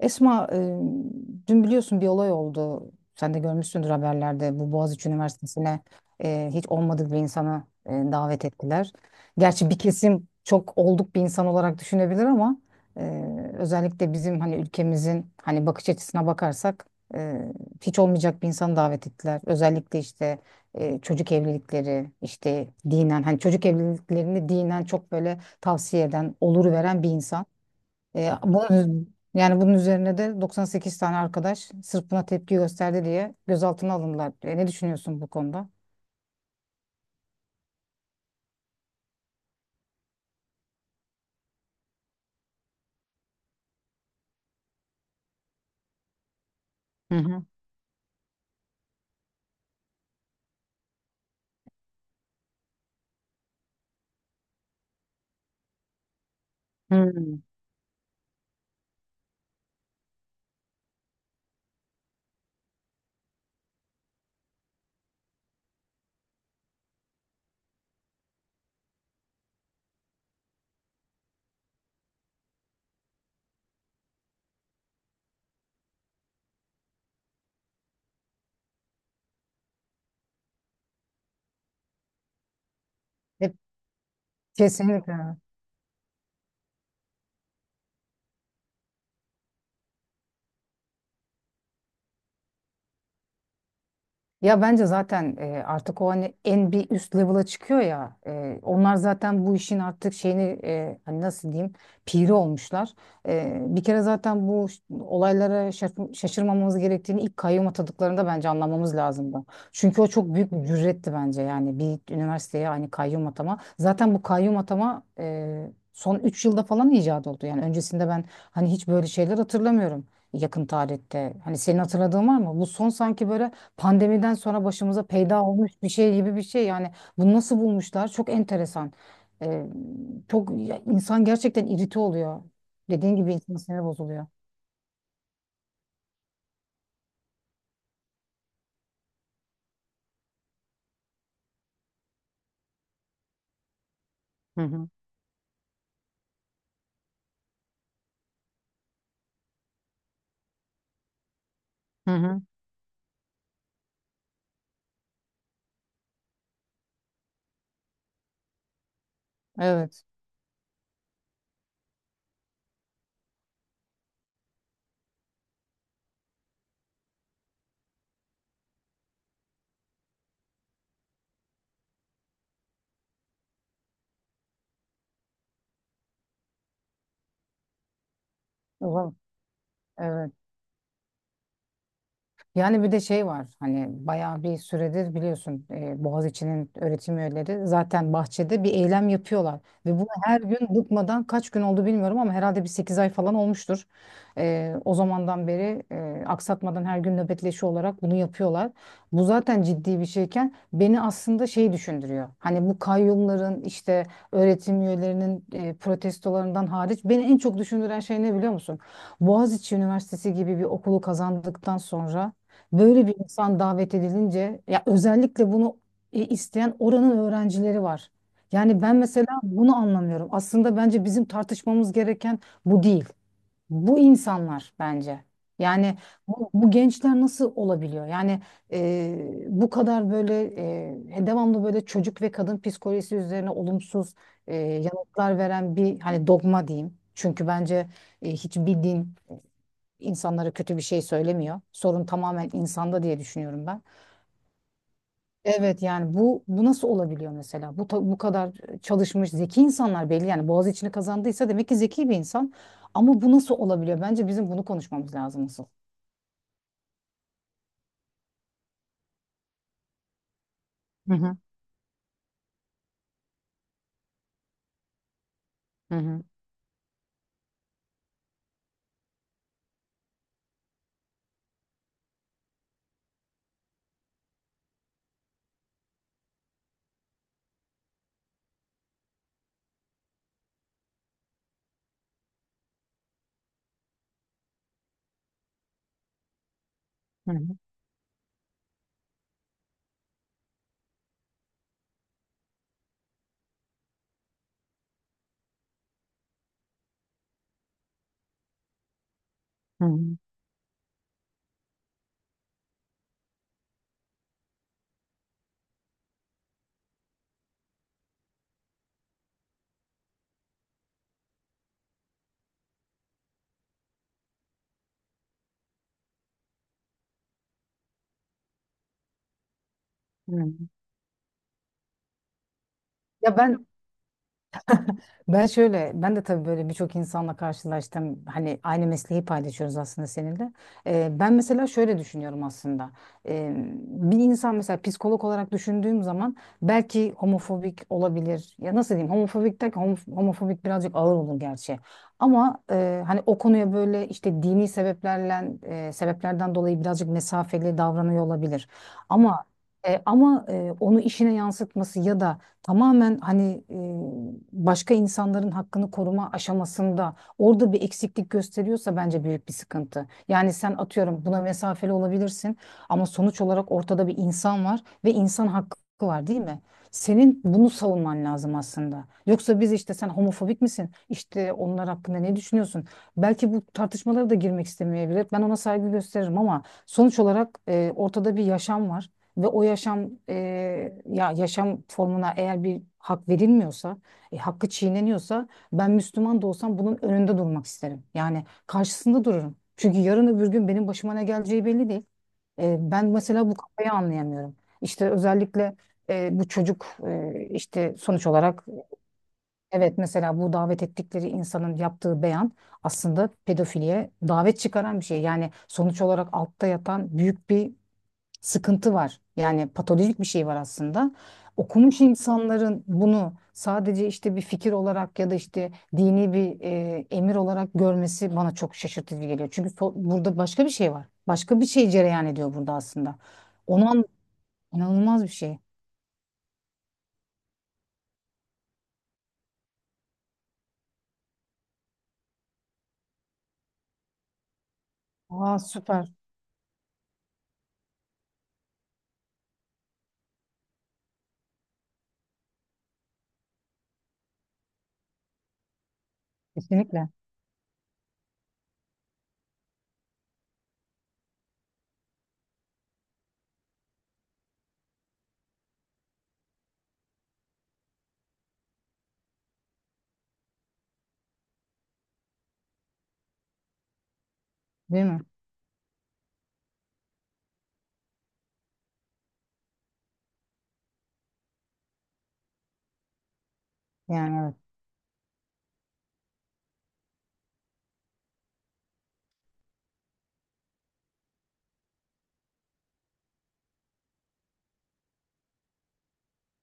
Esma, dün biliyorsun bir olay oldu. Sen de görmüşsündür haberlerde. Bu Boğaziçi Üniversitesi'ne hiç olmadık bir insanı davet ettiler. Gerçi bir kesim çok olduk bir insan olarak düşünebilir ama e, özellikle bizim hani ülkemizin hani bakış açısına bakarsak e, hiç olmayacak bir insanı davet ettiler. Özellikle işte çocuk evlilikleri, işte dinen hani çocuk evliliklerini dinen çok böyle tavsiye eden, olur veren bir insan. Bunun, yani bunun üzerine de 98 tane arkadaş sırf buna tepki gösterdi diye gözaltına alındılar. Ne düşünüyorsun bu konuda? Hı hı. Hmm. E, kesinlikle. Ya bence zaten artık o hani en bir üst level'a çıkıyor ya. Onlar zaten bu işin artık şeyini hani nasıl diyeyim piri olmuşlar. Bir kere zaten bu olaylara şaşırmamamız gerektiğini ilk kayyum atadıklarında bence anlamamız lazımdı. Çünkü o çok büyük bir cüretti bence yani bir üniversiteye hani kayyum atama. Zaten bu kayyum atama son 3 yılda falan icat oldu. Yani öncesinde ben hani hiç böyle şeyler hatırlamıyorum yakın tarihte. Hani senin hatırladığın var mı? Bu son sanki böyle pandemiden sonra başımıza peyda olmuş bir şey gibi bir şey yani bunu nasıl bulmuşlar çok enteresan. Ee, çok ya insan gerçekten irite oluyor. Dediğin gibi insan siniri bozuluyor. Hı hı. Hı hı. Evet. O zaman- Evet. Yani bir de şey var hani bayağı bir süredir biliyorsun Boğaziçi'nin öğretim üyeleri zaten bahçede bir eylem yapıyorlar. Ve bunu her gün bıkmadan kaç gün oldu bilmiyorum ama herhalde bir 8 ay falan olmuştur. O zamandan beri aksatmadan her gün nöbetleşi olarak bunu yapıyorlar. Bu zaten ciddi bir şeyken beni aslında şey düşündürüyor. Hani bu kayyumların işte öğretim üyelerinin protestolarından hariç beni en çok düşündüren şey ne biliyor musun? Boğaziçi Üniversitesi gibi bir okulu kazandıktan sonra böyle bir insan davet edilince ya özellikle bunu isteyen oranın öğrencileri var. Yani ben mesela bunu anlamıyorum. Aslında bence bizim tartışmamız gereken bu değil. Bu insanlar bence. Yani bu, bu gençler nasıl olabiliyor? Yani bu kadar böyle devamlı böyle çocuk ve kadın psikolojisi üzerine olumsuz yanıtlar veren bir hani dogma diyeyim. Çünkü bence hiçbir din insanlara kötü bir şey söylemiyor. Sorun tamamen insanda diye düşünüyorum ben. Evet yani bu nasıl olabiliyor mesela? Bu kadar çalışmış zeki insanlar belli yani Boğaziçi'ni kazandıysa demek ki zeki bir insan. Ama bu nasıl olabiliyor? Bence bizim bunu konuşmamız lazım asıl. Hı hı. Hı hı. Hı hı. Hı hı. Ya ben Ben şöyle, ben de tabii böyle birçok insanla karşılaştım. Hani aynı mesleği paylaşıyoruz aslında seninle. Ben mesela şöyle düşünüyorum aslında. Ee, bir insan mesela psikolog olarak düşündüğüm zaman belki homofobik olabilir. Ya nasıl diyeyim? Homofobik derken homofobik birazcık ağır olur gerçi. Ama hani o konuya böyle işte dini sebeplerle sebeplerden dolayı birazcık mesafeli davranıyor olabilir. Ama ama onu işine yansıtması ya da tamamen hani başka insanların hakkını koruma aşamasında orada bir eksiklik gösteriyorsa bence büyük bir sıkıntı. Yani sen atıyorum buna mesafeli olabilirsin ama sonuç olarak ortada bir insan var ve insan hakkı var değil mi? Senin bunu savunman lazım aslında. Yoksa biz işte sen homofobik misin? İşte onlar hakkında ne düşünüyorsun? Belki bu tartışmalara da girmek istemeyebilir. Ben ona saygı gösteririm ama sonuç olarak ortada bir yaşam var. Ve o yaşam ya yaşam formuna eğer bir hak verilmiyorsa, hakkı çiğneniyorsa ben Müslüman da olsam bunun önünde durmak isterim. Yani karşısında dururum. Çünkü yarın öbür gün benim başıma ne geleceği belli değil. Ben mesela bu kafayı anlayamıyorum. İşte özellikle bu çocuk işte sonuç olarak evet mesela bu davet ettikleri insanın yaptığı beyan aslında pedofiliye davet çıkaran bir şey. Yani sonuç olarak altta yatan büyük bir sıkıntı var. Yani patolojik bir şey var aslında. Okumuş insanların bunu sadece işte bir fikir olarak ya da işte dini bir emir olarak görmesi bana çok şaşırtıcı geliyor. Çünkü burada başka bir şey var. Başka bir şey cereyan ediyor burada aslında. Onun inanılmaz bir şey. Aa süper. Kesinlikle. Değil mi? Yani evet.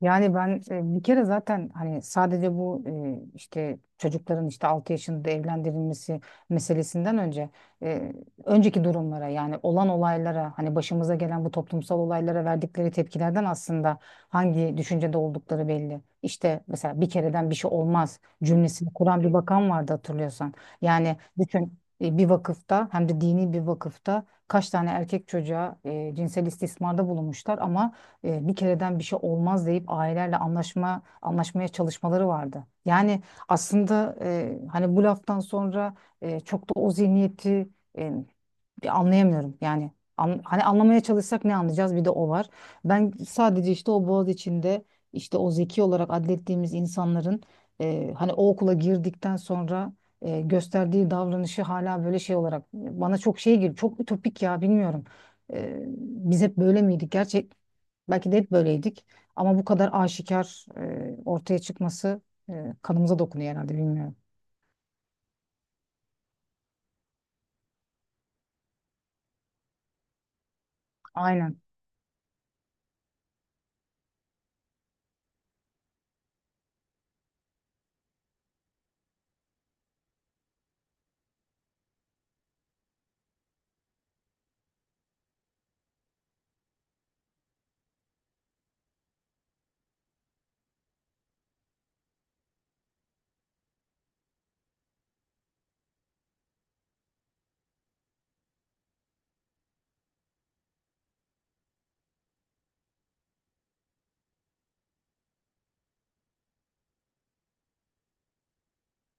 Yani ben bir kere zaten hani sadece bu işte çocukların işte 6 yaşında evlendirilmesi meselesinden önce e, önceki durumlara yani olan olaylara hani başımıza gelen bu toplumsal olaylara verdikleri tepkilerden aslında hangi düşüncede oldukları belli. İşte mesela bir kereden bir şey olmaz cümlesini kuran bir bakan vardı hatırlıyorsan. Yani bütün bir vakıfta hem de dini bir vakıfta kaç tane erkek çocuğa cinsel istismarda bulunmuşlar ama bir kereden bir şey olmaz deyip ailelerle anlaşmaya çalışmaları vardı. Yani aslında hani bu laftan sonra çok da o zihniyeti e, bir anlayamıyorum yani hani anlamaya çalışsak ne anlayacağız bir de o var. Ben sadece işte o boğaz içinde işte o zeki olarak adlettiğimiz insanların hani o okula girdikten sonra gösterdiği davranışı hala böyle şey olarak bana çok şey gibi çok ütopik ya bilmiyorum. E, biz hep böyle miydik gerçek belki de hep böyleydik ama bu kadar aşikar ortaya çıkması kanımıza dokunuyor herhalde bilmiyorum. Aynen.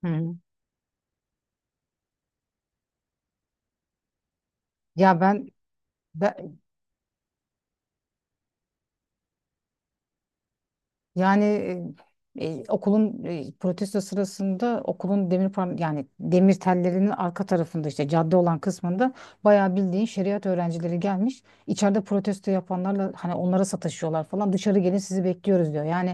Hı. Ya ben, ben Yani okulun protesto sırasında okulun demir par yani demir tellerinin arka tarafında işte cadde olan kısmında bayağı bildiğin şeriat öğrencileri gelmiş. İçeride protesto yapanlarla hani onlara sataşıyorlar falan. Dışarı gelin sizi bekliyoruz diyor. Yani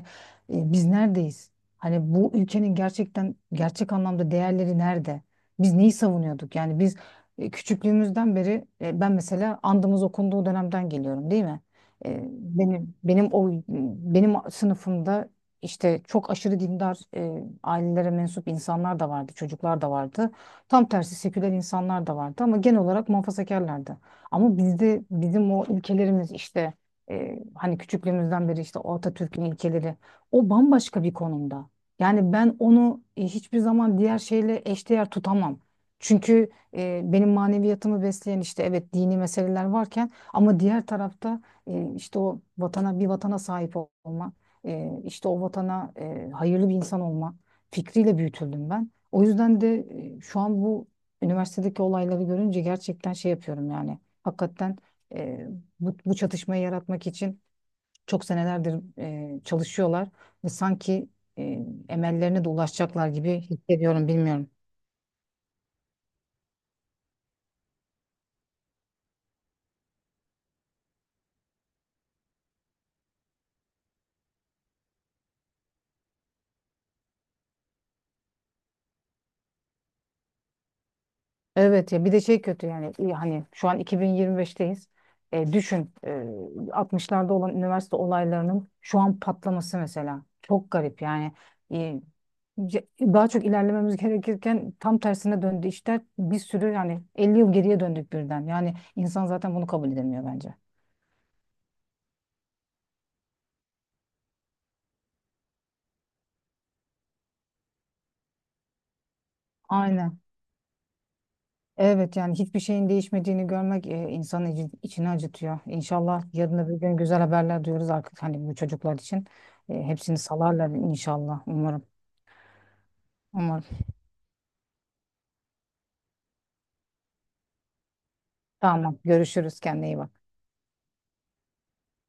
biz neredeyiz? Hani bu ülkenin gerçekten gerçek anlamda değerleri nerede? Biz neyi savunuyorduk? Yani biz küçüklüğümüzden beri ben mesela andımız okunduğu dönemden geliyorum değil mi? Benim o benim sınıfımda işte çok aşırı dindar ailelere mensup insanlar da vardı, çocuklar da vardı. Tam tersi seküler insanlar da vardı ama genel olarak muhafazakarlardı. Ama bizim o ilkelerimiz işte hani küçüklüğümüzden beri işte o Atatürk'ün ilkeleri o bambaşka bir konumda. Yani ben onu hiçbir zaman diğer şeyle eşdeğer tutamam. Çünkü benim maneviyatımı besleyen işte evet dini meseleler varken ama diğer tarafta işte o vatana bir vatana sahip olma, işte o vatana hayırlı bir insan olma fikriyle büyütüldüm ben. O yüzden de şu an bu üniversitedeki olayları görünce gerçekten şey yapıyorum yani. Hakikaten e, bu çatışmayı yaratmak için çok senelerdir çalışıyorlar ve sanki emellerine de ulaşacaklar gibi hissediyorum, bilmiyorum. Evet ya bir de şey kötü yani hani şu an 2025'teyiz. Düşün 60'larda olan üniversite olaylarının şu an patlaması mesela. Çok garip yani. E, ce- daha çok ilerlememiz gerekirken tam tersine döndü işler. Bir sürü yani 50 yıl geriye döndük birden. Yani insan zaten bunu kabul edemiyor bence. Aynen. Evet yani hiçbir şeyin değişmediğini görmek insanın içini acıtıyor. İnşallah yarın öbür gün güzel haberler duyuyoruz artık hani bu çocuklar için. Hepsini salarlar inşallah umarım. Umarım. Tamam görüşürüz kendine iyi bak.